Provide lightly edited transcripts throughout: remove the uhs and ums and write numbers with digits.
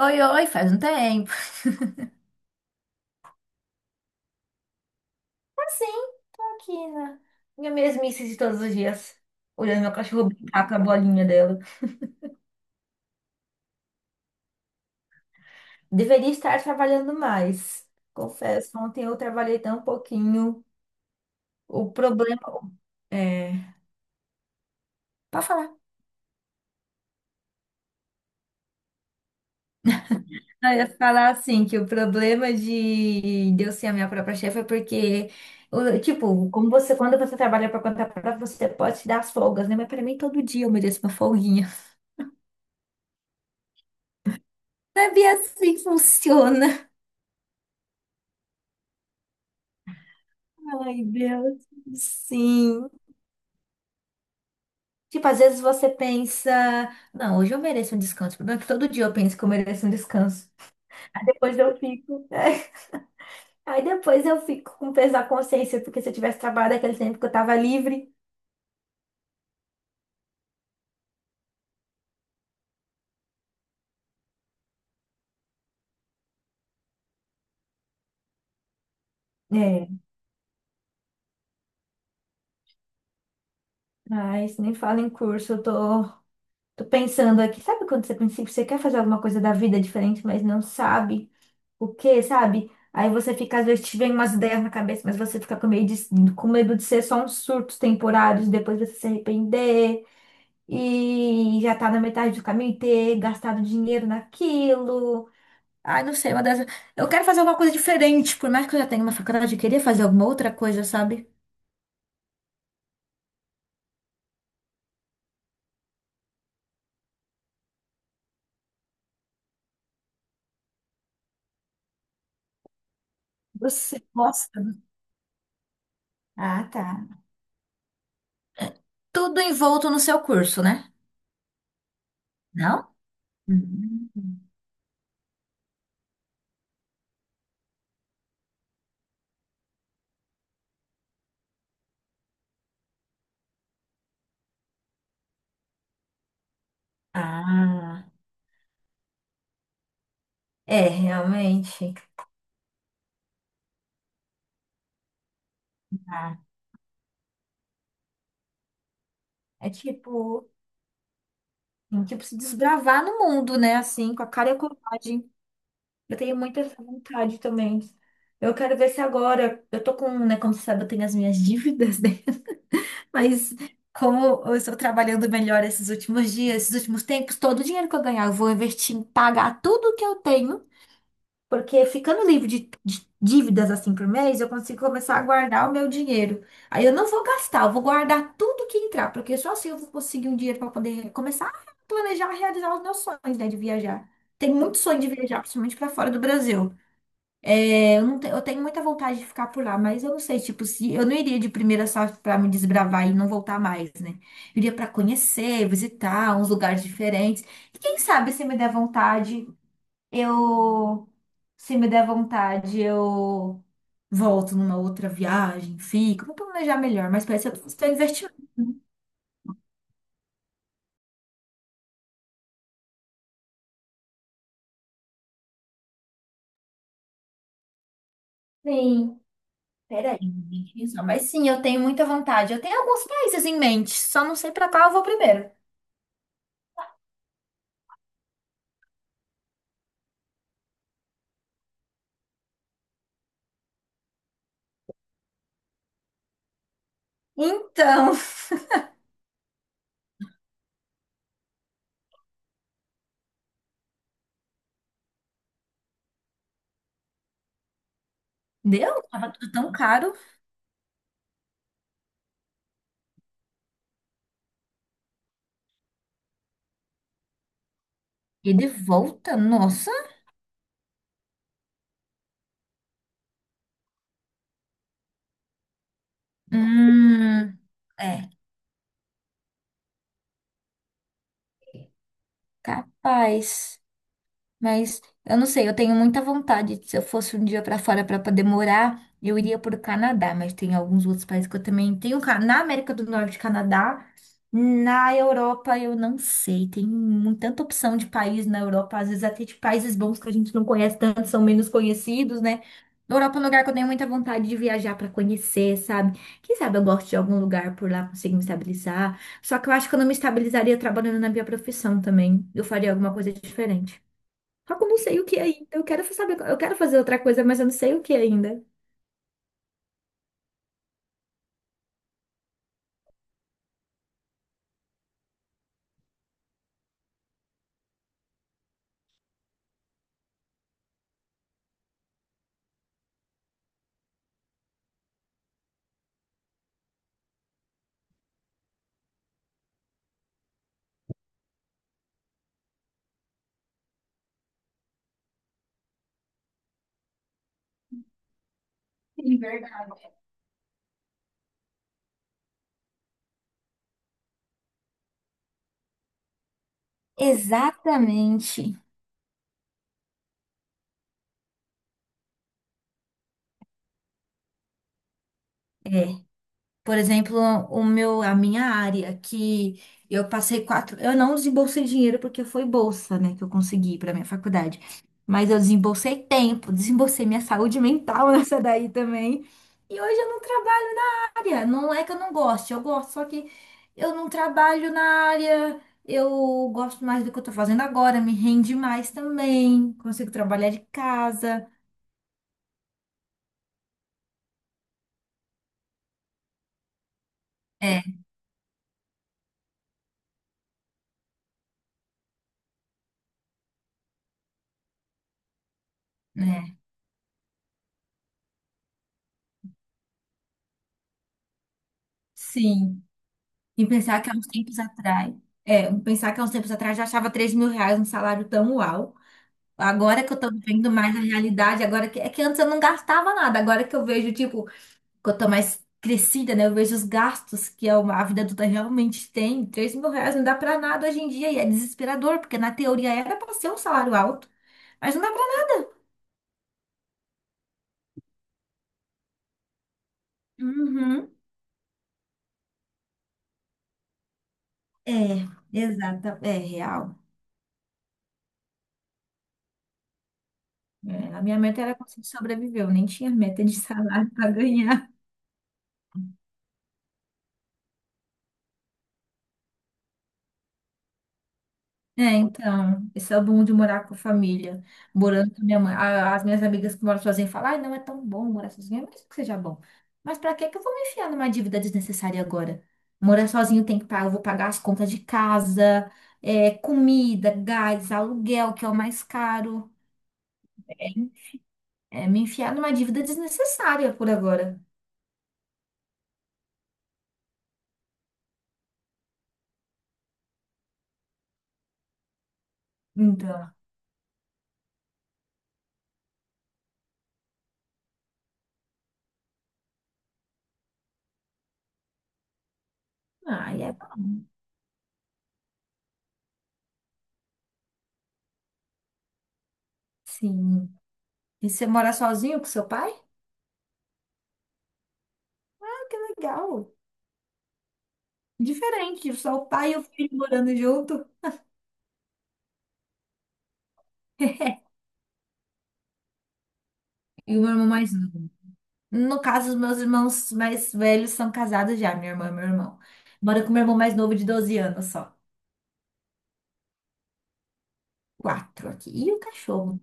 Oi, oi, faz um tempo. Assim, tô aqui na minha mesmice de todos os dias, olhando meu cachorro brincar com a bolinha dela. Deveria estar trabalhando mais. Confesso, ontem eu trabalhei tão pouquinho. O problema é. Pode falar. Ah, eu ia falar assim, que o problema de eu ser a minha própria chefe é porque, tipo, como você, quando você trabalha para conta própria, você pode se dar as folgas, né? Mas para mim, todo dia eu mereço uma folguinha. Sabia assim que funciona. Ai, Deus. Sim. Tipo, às vezes você pensa, não, hoje eu mereço um descanso. O problema é que todo dia eu penso que eu mereço um descanso. Depois eu fico. Aí depois eu fico com peso na consciência, porque se eu tivesse trabalhado aquele tempo que eu tava livre. É. Mas nem fala em curso, eu tô pensando aqui. Sabe quando você pensa que você quer fazer alguma coisa da vida diferente, mas não sabe o quê, sabe? Aí você fica, às vezes te vem umas ideias na cabeça, mas você fica com medo de ser só uns surtos temporários, depois você se arrepender e já tá na metade do caminho e ter gastado dinheiro naquilo. Ai, não sei, uma das. Eu quero fazer alguma coisa diferente, por mais que eu já tenha uma faculdade, eu queria fazer alguma outra coisa, sabe? Você gosta? Ah, tá. Tudo envolto no seu curso, né? Não? Hum. Ah, é, realmente. Ah, é tipo. Tipo, se desbravar no mundo, né? Assim, com a cara e a coragem. Eu tenho muita essa vontade também. Eu quero ver se agora. Eu tô com, né? Como você sabe, eu tenho as minhas dívidas, né? Mas como eu estou trabalhando melhor esses últimos dias, esses últimos tempos, todo o dinheiro que eu ganhar, eu vou investir em pagar tudo que eu tenho. Porque ficando livre de dívidas assim por mês, eu consigo começar a guardar o meu dinheiro. Aí eu não vou gastar, eu vou guardar tudo que entrar, porque só assim eu vou conseguir um dinheiro para poder começar a planejar, realizar os meus sonhos, né, de viajar. Tem muito sonho de viajar, principalmente para fora do Brasil. É, eu não te- eu tenho muita vontade de ficar por lá, mas eu não sei, tipo, se eu não iria de primeira só para me desbravar e não voltar mais, né? Eu iria para conhecer, visitar uns lugares diferentes. E quem sabe se me der vontade. Eu, se me der vontade, eu volto numa outra viagem, fico, vou planejar melhor, mas parece que eu estou investindo. Sim, peraí, tem que pensar. Mas sim, eu tenho muita vontade. Eu tenho alguns países em mente, só não sei pra qual eu vou primeiro. Então, Deu? Tava tudo tão caro. E de volta, nossa. Hum, é, capaz. Mas eu não sei, eu tenho muita vontade. Se eu fosse um dia pra fora pra poder morar, eu iria pro Canadá, mas tem alguns outros países que eu também tenho. Na América do Norte, Canadá. Na Europa, eu não sei. Tem tanta opção de país na Europa, às vezes até de países bons que a gente não conhece tanto, são menos conhecidos, né? Na Europa é um lugar que eu tenho muita vontade de viajar pra conhecer, sabe? Quem sabe eu gosto de algum lugar por lá, consigo me estabilizar. Só que eu acho que eu não me estabilizaria trabalhando na minha profissão também. Eu faria alguma coisa diferente. Só que eu não sei o que ainda. Eu quero saber, eu quero fazer outra coisa, mas eu não sei o que ainda. Sim, verdade. Exatamente. É. Por exemplo, o meu, a minha área, que eu passei quatro. Eu não desembolsei dinheiro porque foi bolsa, né, que eu consegui para minha faculdade. Mas eu desembolsei tempo, desembolsei minha saúde mental nessa daí também. E hoje eu não trabalho. Área. Não é que eu não goste, eu gosto, só que eu não trabalho na área. Eu gosto mais do que eu tô fazendo agora, me rende mais também. Consigo trabalhar de casa. É, né? Sim. E pensar que há uns tempos atrás. É, pensar que há uns tempos atrás já achava R$ 3.000 um salário tão uau. Agora que eu tô vendo mais a realidade, agora que é que antes eu não gastava nada, agora que eu vejo, tipo, quanto mais crescida, né? Eu vejo os gastos que a vida adulta realmente tem. R$ 3.000 não dá pra nada hoje em dia e é desesperador, porque na teoria era pra ser um salário alto, mas não dá pra nada. Uhum. É, exata, é real. É, a minha meta era conseguir sobreviver, eu nem tinha meta de salário pra ganhar. É, então, esse é o bom de morar com a família, morando com minha mãe. As minhas amigas que moram sozinhas falam, ai, não é tão bom morar sozinha, mesmo que seja bom. Mas pra que que eu vou me enfiar numa dívida desnecessária agora? Morar sozinho tem que pagar, eu vou pagar as contas de casa, é, comida, gás, aluguel, que é o mais caro. É, é me enfiar numa dívida desnecessária por agora. Então, ai, é sim. E você mora sozinho com seu pai? Ah, que legal. Diferente, só o pai e o filho morando junto. E o meu irmão mais novo. No caso, os meus irmãos mais velhos são casados já, minha irmã e meu irmão. Moro com meu irmão mais novo de 12 anos só. Quatro aqui. E o cachorro?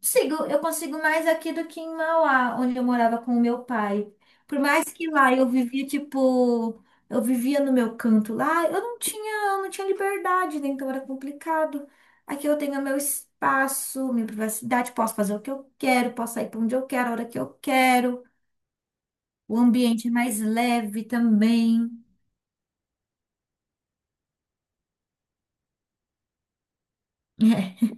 Consigo, eu consigo mais aqui do que em Mauá, onde eu morava com o meu pai. Por mais que lá eu vivia, tipo, eu vivia no meu canto lá, eu não tinha liberdade, né? Então era complicado. Aqui eu tenho meu espaço, minha privacidade, posso fazer o que eu quero, posso sair para onde eu quero, a hora que eu quero. O ambiente é mais leve também. É.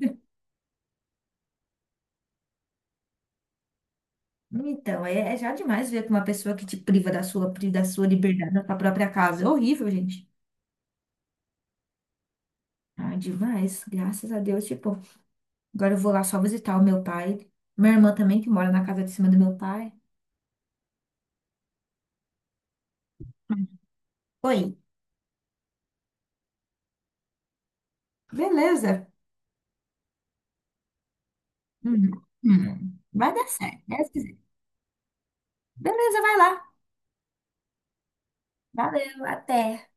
Então, é, é já demais ver que uma pessoa que te priva da sua, da sua liberdade na sua própria casa. É horrível, gente. Ah, demais. Graças a Deus. Tipo, agora eu vou lá só visitar o meu pai. Minha irmã também, que mora na casa de cima do meu pai. Hum. Oi. Beleza. Uhum. Hum. Vai dar certo. Deus quiser. Beleza, vai lá. Valeu, até.